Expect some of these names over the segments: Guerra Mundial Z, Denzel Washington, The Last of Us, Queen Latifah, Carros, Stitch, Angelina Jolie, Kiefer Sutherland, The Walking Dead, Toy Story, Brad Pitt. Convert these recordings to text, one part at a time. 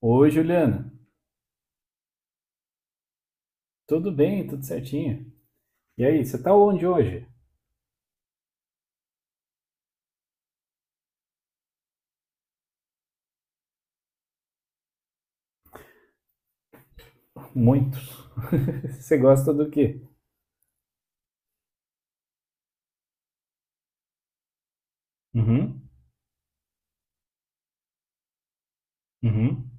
Oi, Juliana. Tudo bem? Tudo certinho? E aí, você tá onde hoje? Muito. Você gosta do quê? Uhum, uhum,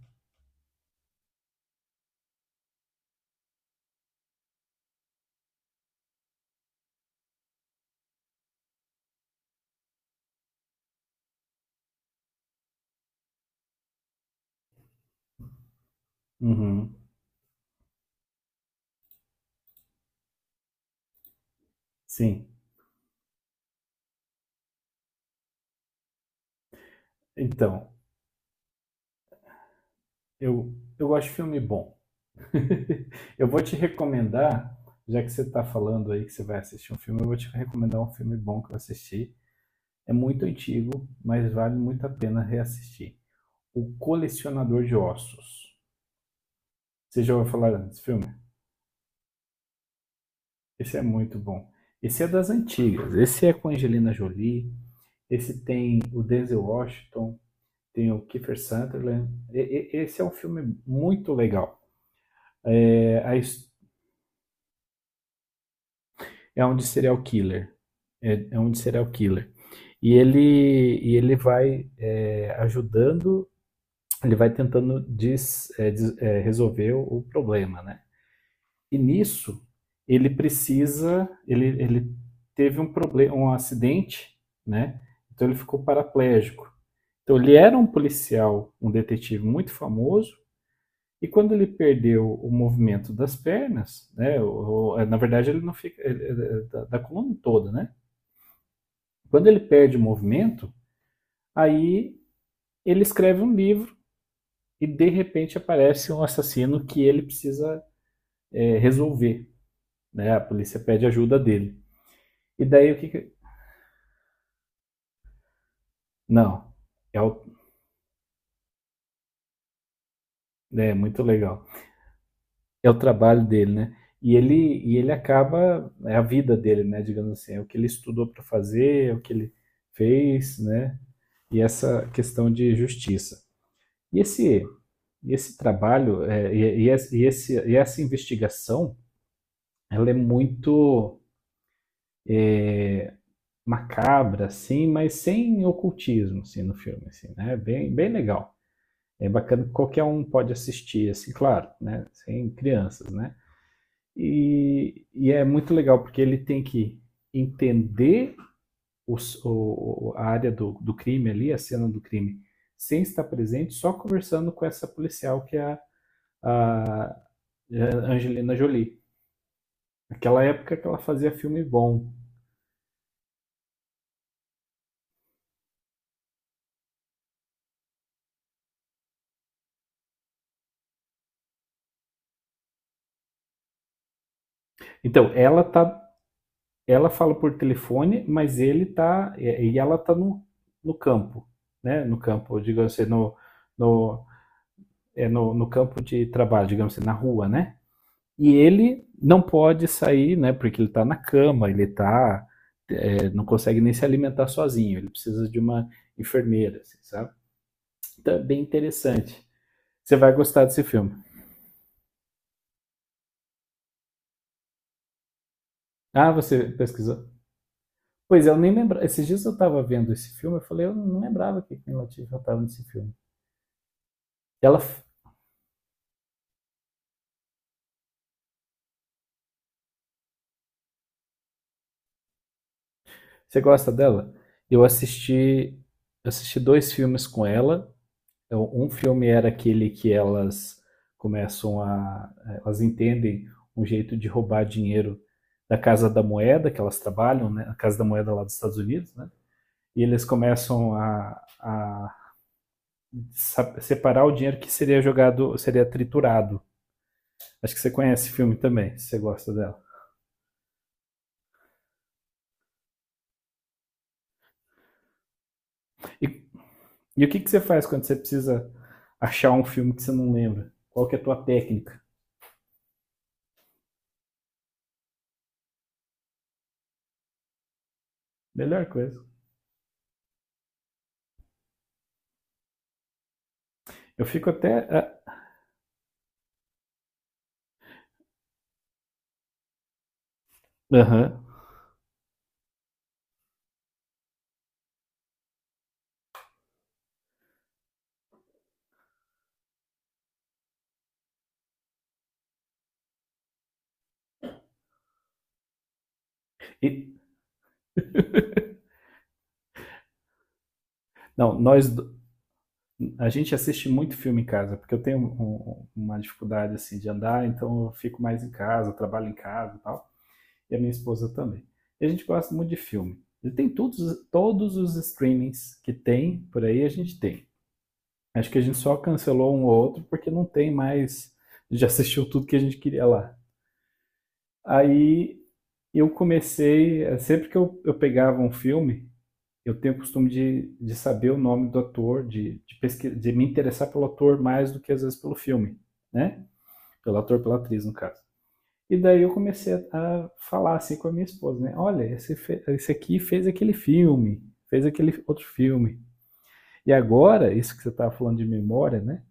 uhum. Sim. Então, eu, eu gosto de filme bom. Eu vou te recomendar, já que você tá falando aí que você vai assistir um filme, eu vou te recomendar um filme bom que eu assisti. É muito antigo, mas vale muito a pena reassistir. O Colecionador de Ossos. Você já ouviu falar desse filme? Esse é muito bom. Esse é das antigas. Esse é com Angelina Jolie. Esse tem o Denzel Washington. Tem o Kiefer Sutherland. Esse é um filme muito legal. É, a his- É um de serial killer. É um de serial killer. E ele vai ajudando, ele vai tentando resolver o problema, né? E nisso, ele teve um problema, um acidente, né? Então ele ficou paraplégico. Então ele era um policial, um detetive muito famoso, e quando ele perdeu o movimento das pernas, né? Na verdade ele não fica ele- da, da coluna toda, né? Quando ele perde o movimento, aí ele escreve um livro e de repente aparece um assassino que ele precisa resolver, né? A polícia pede ajuda dele. E daí o que- Não, é o é muito legal. É o trabalho dele, né. E ele acaba a vida dele, né, digamos assim, é o que ele estudou para fazer, é o que ele fez, né, e essa questão de justiça. E esse e esse trabalho, eh, e esse e esse e essa investigação, ela é muito macabra, assim, mas sem ocultismo, assim, no filme, assim, né, bem legal. É bacana que qualquer um pode assistir, assim, claro, né, sem crianças, né. E é muito legal, porque ele tem que entender a área do, do crime ali, a cena do crime, sem estar presente, só conversando com essa policial que é a Angelina Jolie. Naquela época que ela fazia filme bom. Então, ela fala por telefone, mas ele tá, e ela tá no campo, né? No campo, digamos assim, no, no campo de trabalho, digamos assim, na rua, né? E ele não pode sair, né? Porque ele está na cama, não consegue nem se alimentar sozinho. Ele precisa de uma enfermeira, assim, sabe? Então é bem interessante. Você vai gostar desse filme. Ah, você pesquisou? Pois é, eu nem lembrava. Esses dias eu estava vendo esse filme, eu falei, eu não lembrava que Queen Latifah estava nesse filme. Ela, você gosta dela? Eu assisti, Assisti dois filmes com ela. Então, um filme era aquele que elas começam a. eh, elas entendem um jeito de roubar dinheiro da Casa da Moeda, que elas trabalham, né? A Casa da Moeda lá dos Estados Unidos, né? E eles começam a separar o dinheiro que seria jogado, seria triturado. Acho que você conhece o filme também, se você gosta dela. E, e o que você faz quando você precisa achar um filme que você não lembra? Qual que é a tua técnica? Melhor coisa. Eu fico até. Ah, Aham. Uh-huh. E, não, nós, A gente assiste muito filme em casa, porque eu tenho uma dificuldade assim de andar, então eu fico mais em casa, eu trabalho em casa e tal, e a minha esposa também. E a gente gosta muito de filme. E tem todos os streamings que tem por aí, a gente tem. Acho que a gente só cancelou um ou outro porque não tem mais. A gente já assistiu tudo que a gente queria lá. Aí sempre que eu pegava um filme, eu tenho o costume de saber o nome do ator, pesquisa, de me interessar pelo ator mais do que às vezes pelo filme, né? Pelo ator, pela atriz, no caso. E daí a falar assim com a minha esposa, né? Olha, esse aqui fez aquele filme, fez aquele outro filme. E agora, isso que você estava falando de memória, né?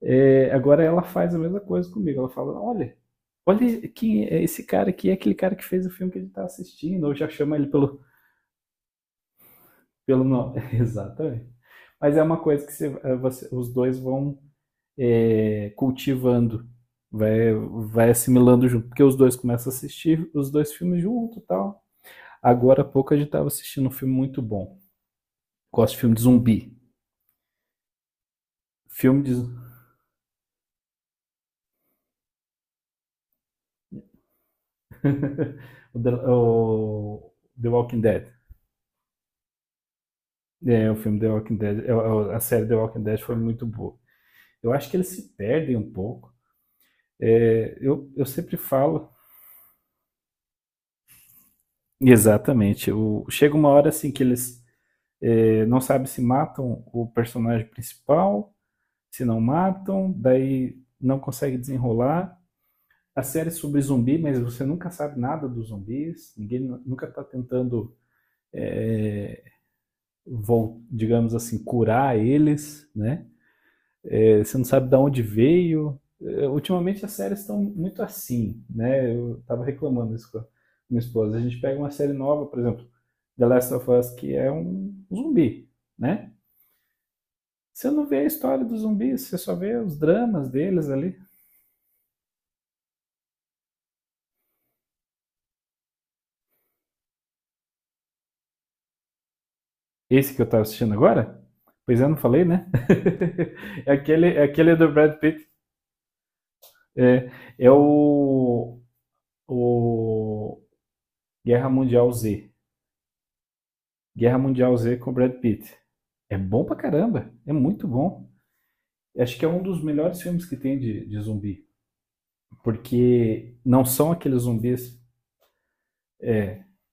É, agora ela faz a mesma coisa comigo. Ela fala, olha, olha quem é esse cara aqui, é aquele cara que fez o filme que a gente está assistindo, ou já chama ele pelo nome. Exatamente. Mas é uma coisa que os dois vão cultivando, vai, vai assimilando junto, porque os dois começam a assistir os dois filmes junto e tal. Agora há pouco a gente estava assistindo um filme muito bom. Gosto de filme de zumbi. Filme de. O The Walking Dead. É, o filme The Walking Dead. É, é, A série The Walking Dead foi muito boa. Eu acho que eles se perdem um pouco. Eu sempre falo exatamente. Chega uma hora assim que não sabem se matam o personagem principal, se não matam, daí não consegue desenrolar. A série é sobre zumbi, mas você nunca sabe nada dos zumbis, nunca está tentando, digamos assim, curar eles, né? É, você não sabe de onde veio. É, ultimamente as séries estão muito assim, né? Eu estava reclamando isso com a minha esposa. A gente pega uma série nova, por exemplo, The Last of Us, que é um zumbi, né? Você não vê a história dos zumbis, você só vê os dramas deles ali. Esse que eu estava assistindo agora? Pois é, não falei, né? É aquele do Brad Pitt. É, é o, o Guerra Mundial Z. Guerra Mundial Z com o Brad Pitt. É bom pra caramba, é muito bom. Acho que é um dos melhores filmes que tem de zumbi, porque não são aqueles zumbis.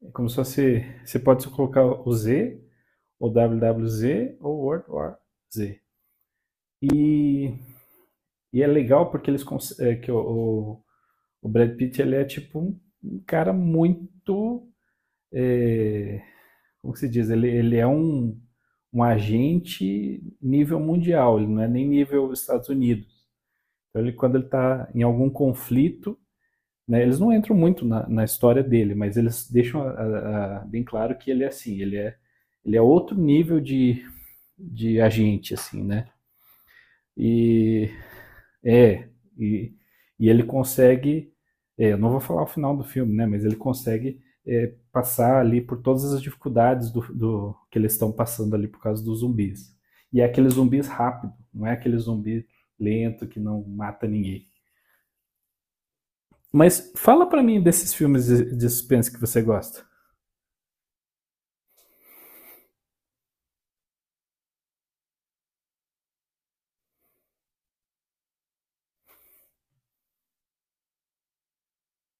É como se fosse, você pode só colocar o Z, ou WWZ, ou World War Z. E, e é legal porque eles cons- é, que o, o Brad Pitt ele é tipo um cara muito, é, como se diz, ele é um agente nível mundial, ele não é nem nível Estados Unidos. Então, ele, quando ele está em algum conflito, né, eles não entram muito na história dele, mas eles deixam bem claro que ele é assim, ele é outro nível de agente, assim, né? E é, e, e ele consegue, é, eu não vou falar o final do filme, né? Mas ele consegue é, passar ali por todas as dificuldades do, do que eles estão passando ali por causa dos zumbis. E é aquele zumbis rápido, não é aquele zumbi lento que não mata ninguém. Mas fala pra mim desses filmes de suspense que você gosta.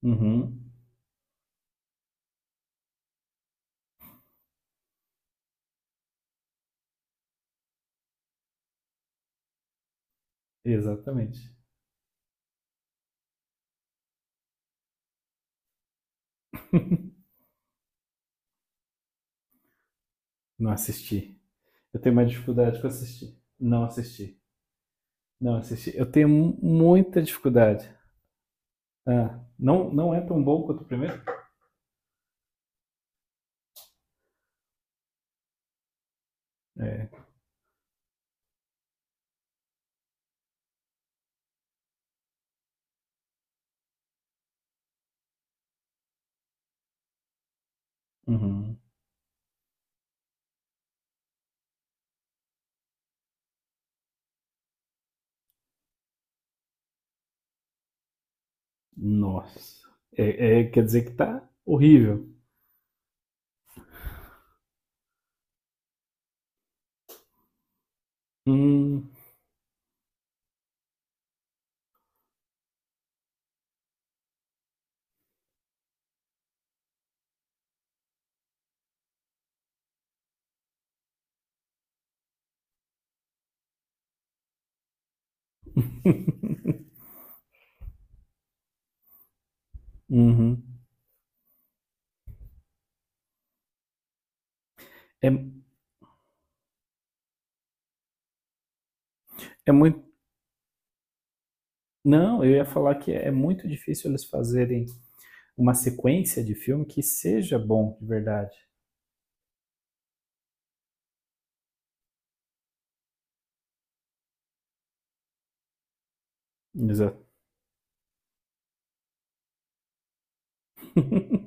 Uhum, exatamente. Não assisti. Eu tenho uma dificuldade com assistir. Não assisti. Não assisti. Eu tenho muita dificuldade. Ah, não, não é tão bom quanto o primeiro? É. Uhum. Nossa. É, é, quer dizer que tá horrível. Hum. Uhum. É, é muito. Não, eu ia falar que é muito difícil eles fazerem uma sequência de filme que seja bom de verdade. Exato.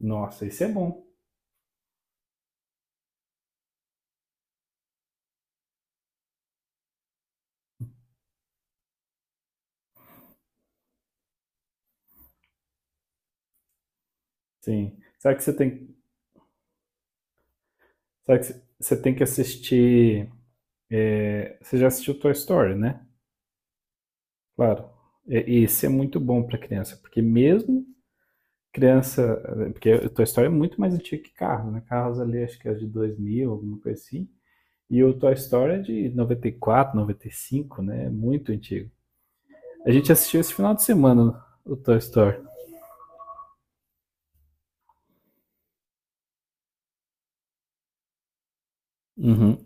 Nossa, isso é bom. Sim. Será que você tem que assistir? É, você já assistiu Toy Story, né? Claro. E, esse é muito bom para criança, porque criança, porque o Toy Story é muito mais antigo que Carros, né? Carros ali acho que é de 2000, alguma coisa assim. E o Toy Story é de 94, 95 né? É muito antigo. A gente assistiu esse final de semana o Toy Story. Uhum.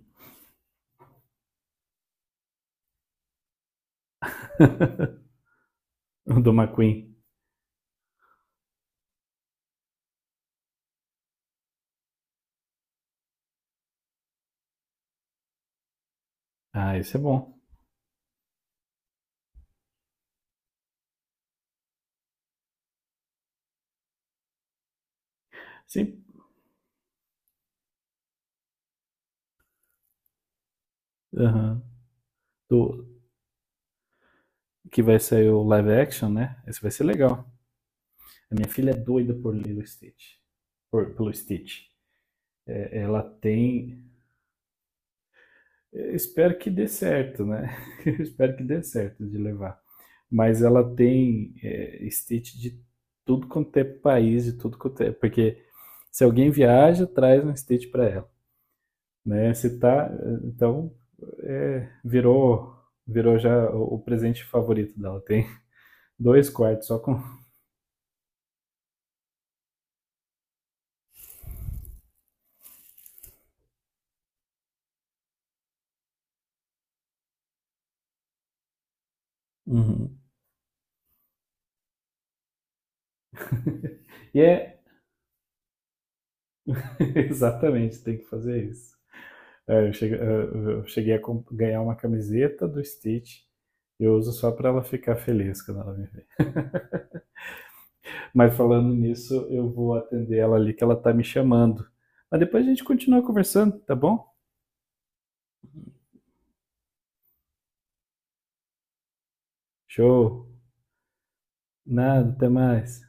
O do McQueen. Ah, isso é bom. Sim. Aham. Do, que vai sair o live action, né? Esse vai ser legal. A minha filha é doida por ler Stitch. Por, pelo Stitch. É, ela tem. Eu espero que dê certo, né? Eu espero que dê certo de levar. Mas ela tem é, Stitch de tudo quanto é país, de tudo quanto é. Porque se alguém viaja, traz um Stitch para ela. Né? Se tá. Então, é, virou já o presente favorito dela. Tem dois quartos só com. Uhum. E é, exatamente, tem que fazer isso. É, cheguei a ganhar uma camiseta do Stitch. Eu uso só pra ela ficar feliz quando ela me vê. Mas falando nisso, eu vou atender ela ali que ela tá me chamando. Mas depois a gente continua conversando, tá bom? Show. Nada, até mais.